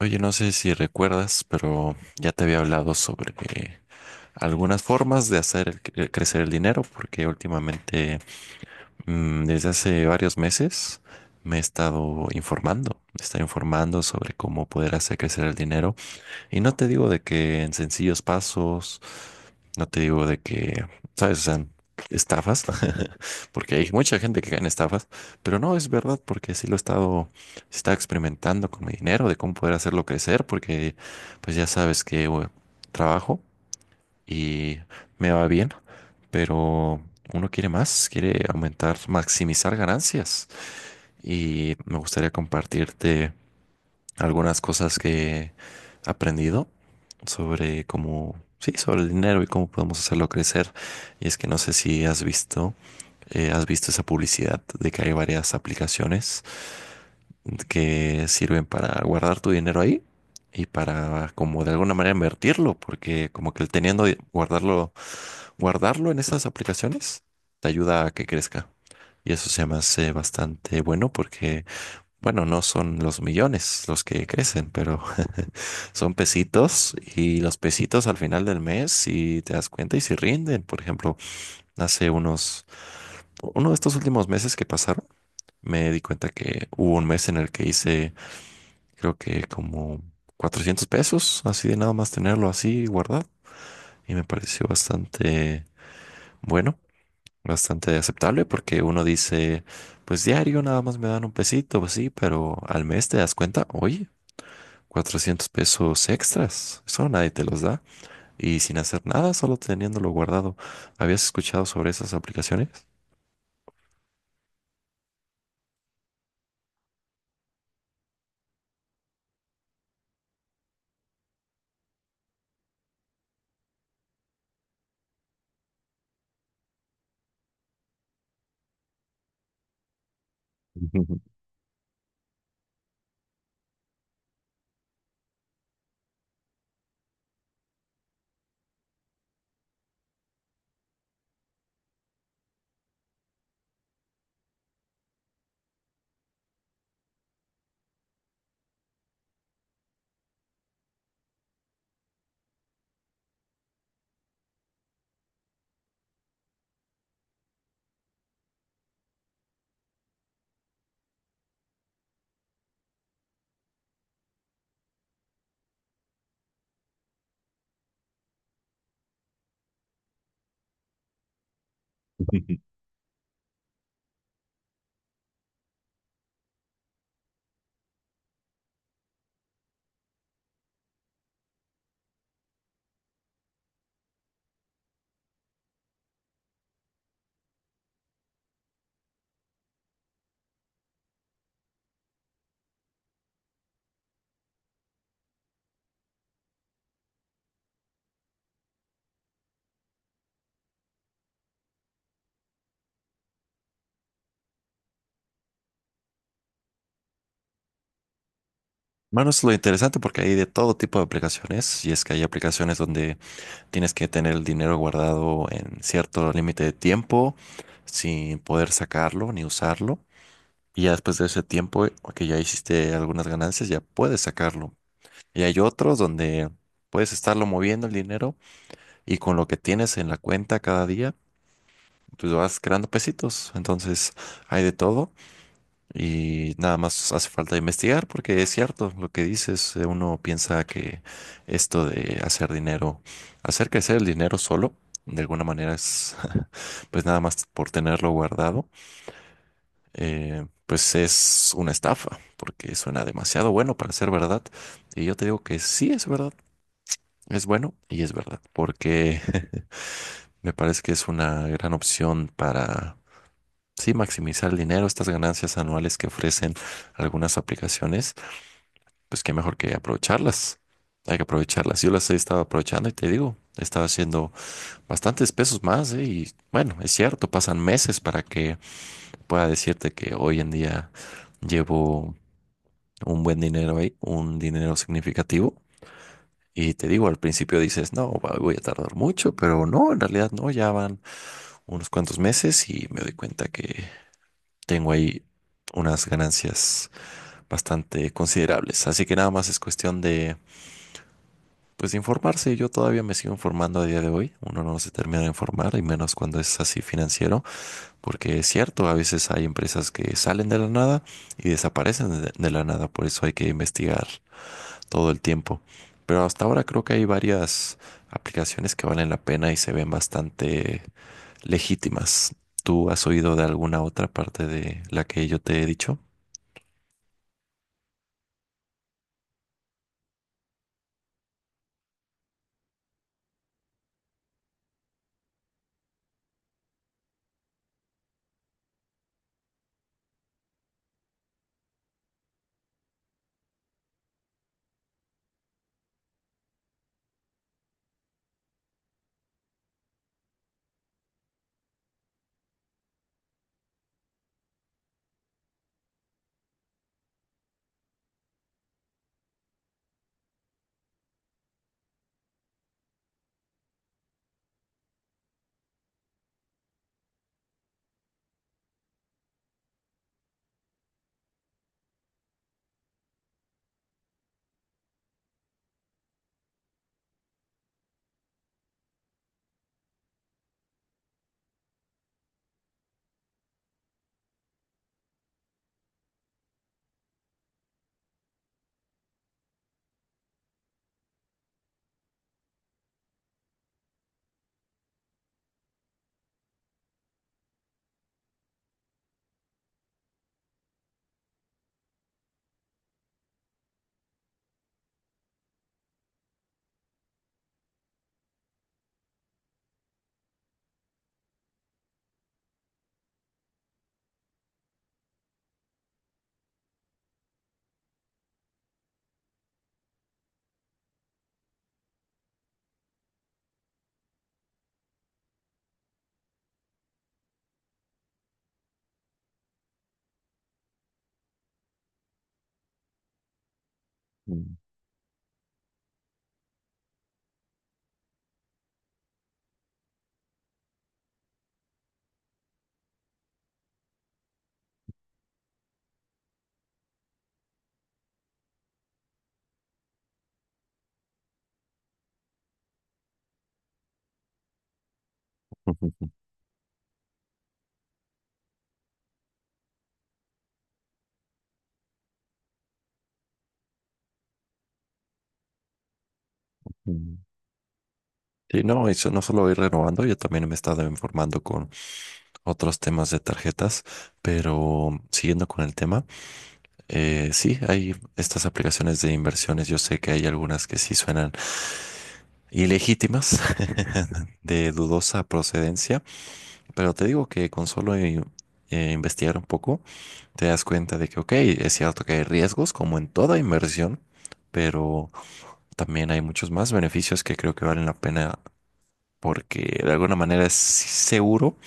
Oye, no sé si recuerdas, pero ya te había hablado sobre algunas formas de hacer crecer el dinero, porque últimamente, desde hace varios meses, me he estado informando sobre cómo poder hacer crecer el dinero. Y no te digo de que en sencillos pasos no te digo de que, ¿sabes? O sea, estafas, porque hay mucha gente que cae en estafas, pero no es verdad porque sí estaba experimentando con mi dinero, de cómo poder hacerlo crecer, porque pues ya sabes que bueno, trabajo y me va bien, pero uno quiere más, quiere aumentar, maximizar ganancias y me gustaría compartirte algunas cosas que he aprendido sobre cómo, sí, sobre el dinero y cómo podemos hacerlo crecer. Y es que no sé si has visto, has visto esa publicidad de que hay varias aplicaciones que sirven para guardar tu dinero ahí y para como de alguna manera invertirlo, porque como que guardarlo, guardarlo en esas aplicaciones te ayuda a que crezca. Y eso se me hace bastante bueno porque bueno, no son los millones los que crecen, pero son pesitos y los pesitos al final del mes, si te das cuenta y si rinden, por ejemplo, hace unos, uno de estos últimos meses que pasaron, me di cuenta que hubo un mes en el que hice, creo que como 400 pesos, así de nada más tenerlo así guardado y me pareció bastante bueno, bastante aceptable porque uno dice, pues diario nada más me dan un pesito, pues sí, pero al mes te das cuenta, oye. 400 pesos extras. Eso nadie te los da. Y sin hacer nada, solo teniéndolo guardado. ¿Habías escuchado sobre esas aplicaciones? Bueno, es lo interesante porque hay de todo tipo de aplicaciones y es que hay aplicaciones donde tienes que tener el dinero guardado en cierto límite de tiempo sin poder sacarlo ni usarlo y ya después de ese tiempo que ya hiciste algunas ganancias ya puedes sacarlo y hay otros donde puedes estarlo moviendo el dinero. Y con lo que tienes en la cuenta cada día, pues vas creando pesitos. Entonces hay de todo y nada más hace falta investigar porque es cierto lo que dices. Uno piensa que esto de hacer dinero, hacer crecer el dinero solo, de alguna manera es, pues nada más por tenerlo guardado, pues es una estafa porque suena demasiado bueno para ser verdad. Y yo te digo que sí es verdad. Es bueno y es verdad, porque me parece que es una gran opción para, sí, maximizar el dinero. Estas ganancias anuales que ofrecen algunas aplicaciones, pues qué mejor que aprovecharlas. Hay que aprovecharlas. Yo las he estado aprovechando y te digo, he estado haciendo bastantes pesos más, ¿eh? Y bueno, es cierto, pasan meses para que pueda decirte que hoy en día llevo un buen dinero ahí, un dinero significativo. Y te digo, al principio dices, no, voy a tardar mucho, pero no, en realidad no, ya van unos cuantos meses y me doy cuenta que tengo ahí unas ganancias bastante considerables. Así que nada más es cuestión de, pues, de informarse. Yo todavía me sigo informando a día de hoy. Uno no se termina de informar, y menos cuando es así financiero, porque es cierto, a veces hay empresas que salen de la nada y desaparecen de la nada. Por eso hay que investigar todo el tiempo. Pero hasta ahora creo que hay varias aplicaciones que valen la pena y se ven bastante legítimas. ¿Tú has oído de alguna otra parte de la que yo te he dicho? Mm. Sí, no, eso no solo ir renovando, yo también me he estado informando con otros temas de tarjetas, pero siguiendo con el tema. Sí, hay estas aplicaciones de inversiones. Yo sé que hay algunas que sí suenan ilegítimas, de dudosa procedencia, pero te digo que con solo investigar un poco, te das cuenta de que, ok, es cierto que hay riesgos, como en toda inversión, pero también hay muchos más beneficios que creo que valen la pena porque de alguna manera es seguro.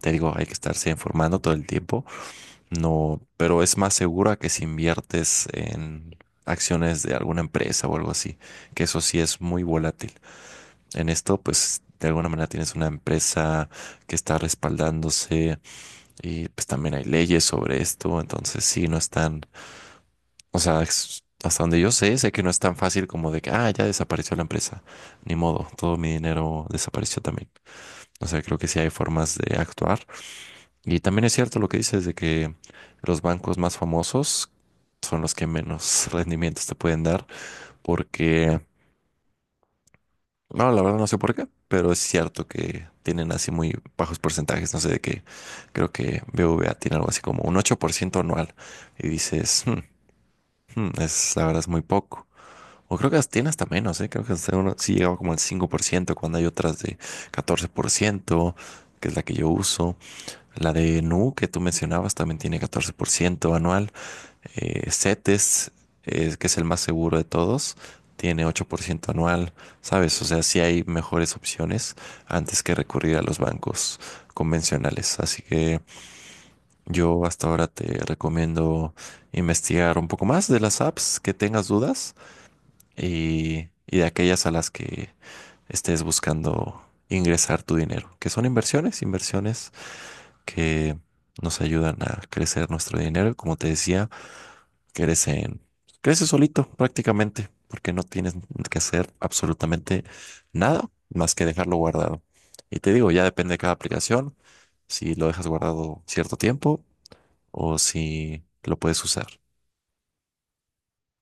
Te digo, hay que estarse informando todo el tiempo. No, pero es más segura que si inviertes en acciones de alguna empresa o algo así, que eso sí es muy volátil. En esto, pues de alguna manera tienes una empresa que está respaldándose y pues también hay leyes sobre esto, entonces sí, no es tan, o sea, hasta donde yo sé, sé que no es tan fácil como de que, ah, ya desapareció la empresa, ni modo, todo mi dinero desapareció también. O sea, creo que sí hay formas de actuar y también es cierto lo que dices de que los bancos más famosos son los que menos rendimientos te pueden dar, porque, no, la verdad no sé por qué, pero es cierto que tienen así muy bajos porcentajes, no sé de qué, creo que BBVA tiene algo así como un 8% anual y dices, es, la verdad es muy poco. O creo que las tiene hasta menos, ¿eh? Creo que hasta uno sí llegaba como al 5% cuando hay otras de 14% que es la que yo uso. La de Nu, que tú mencionabas, también tiene 14% anual. CETES, que es el más seguro de todos, tiene 8% anual, ¿sabes? O sea, sí hay mejores opciones antes que recurrir a los bancos convencionales. Así que yo hasta ahora te recomiendo investigar un poco más de las apps que tengas dudas y de aquellas a las que estés buscando ingresar tu dinero, que son inversiones, inversiones que nos ayudan a crecer nuestro dinero. Como te decía, crecen, crece solito prácticamente, porque no tienes que hacer absolutamente nada más que dejarlo guardado. Y te digo, ya depende de cada aplicación, si lo dejas guardado cierto tiempo o si lo puedes usar.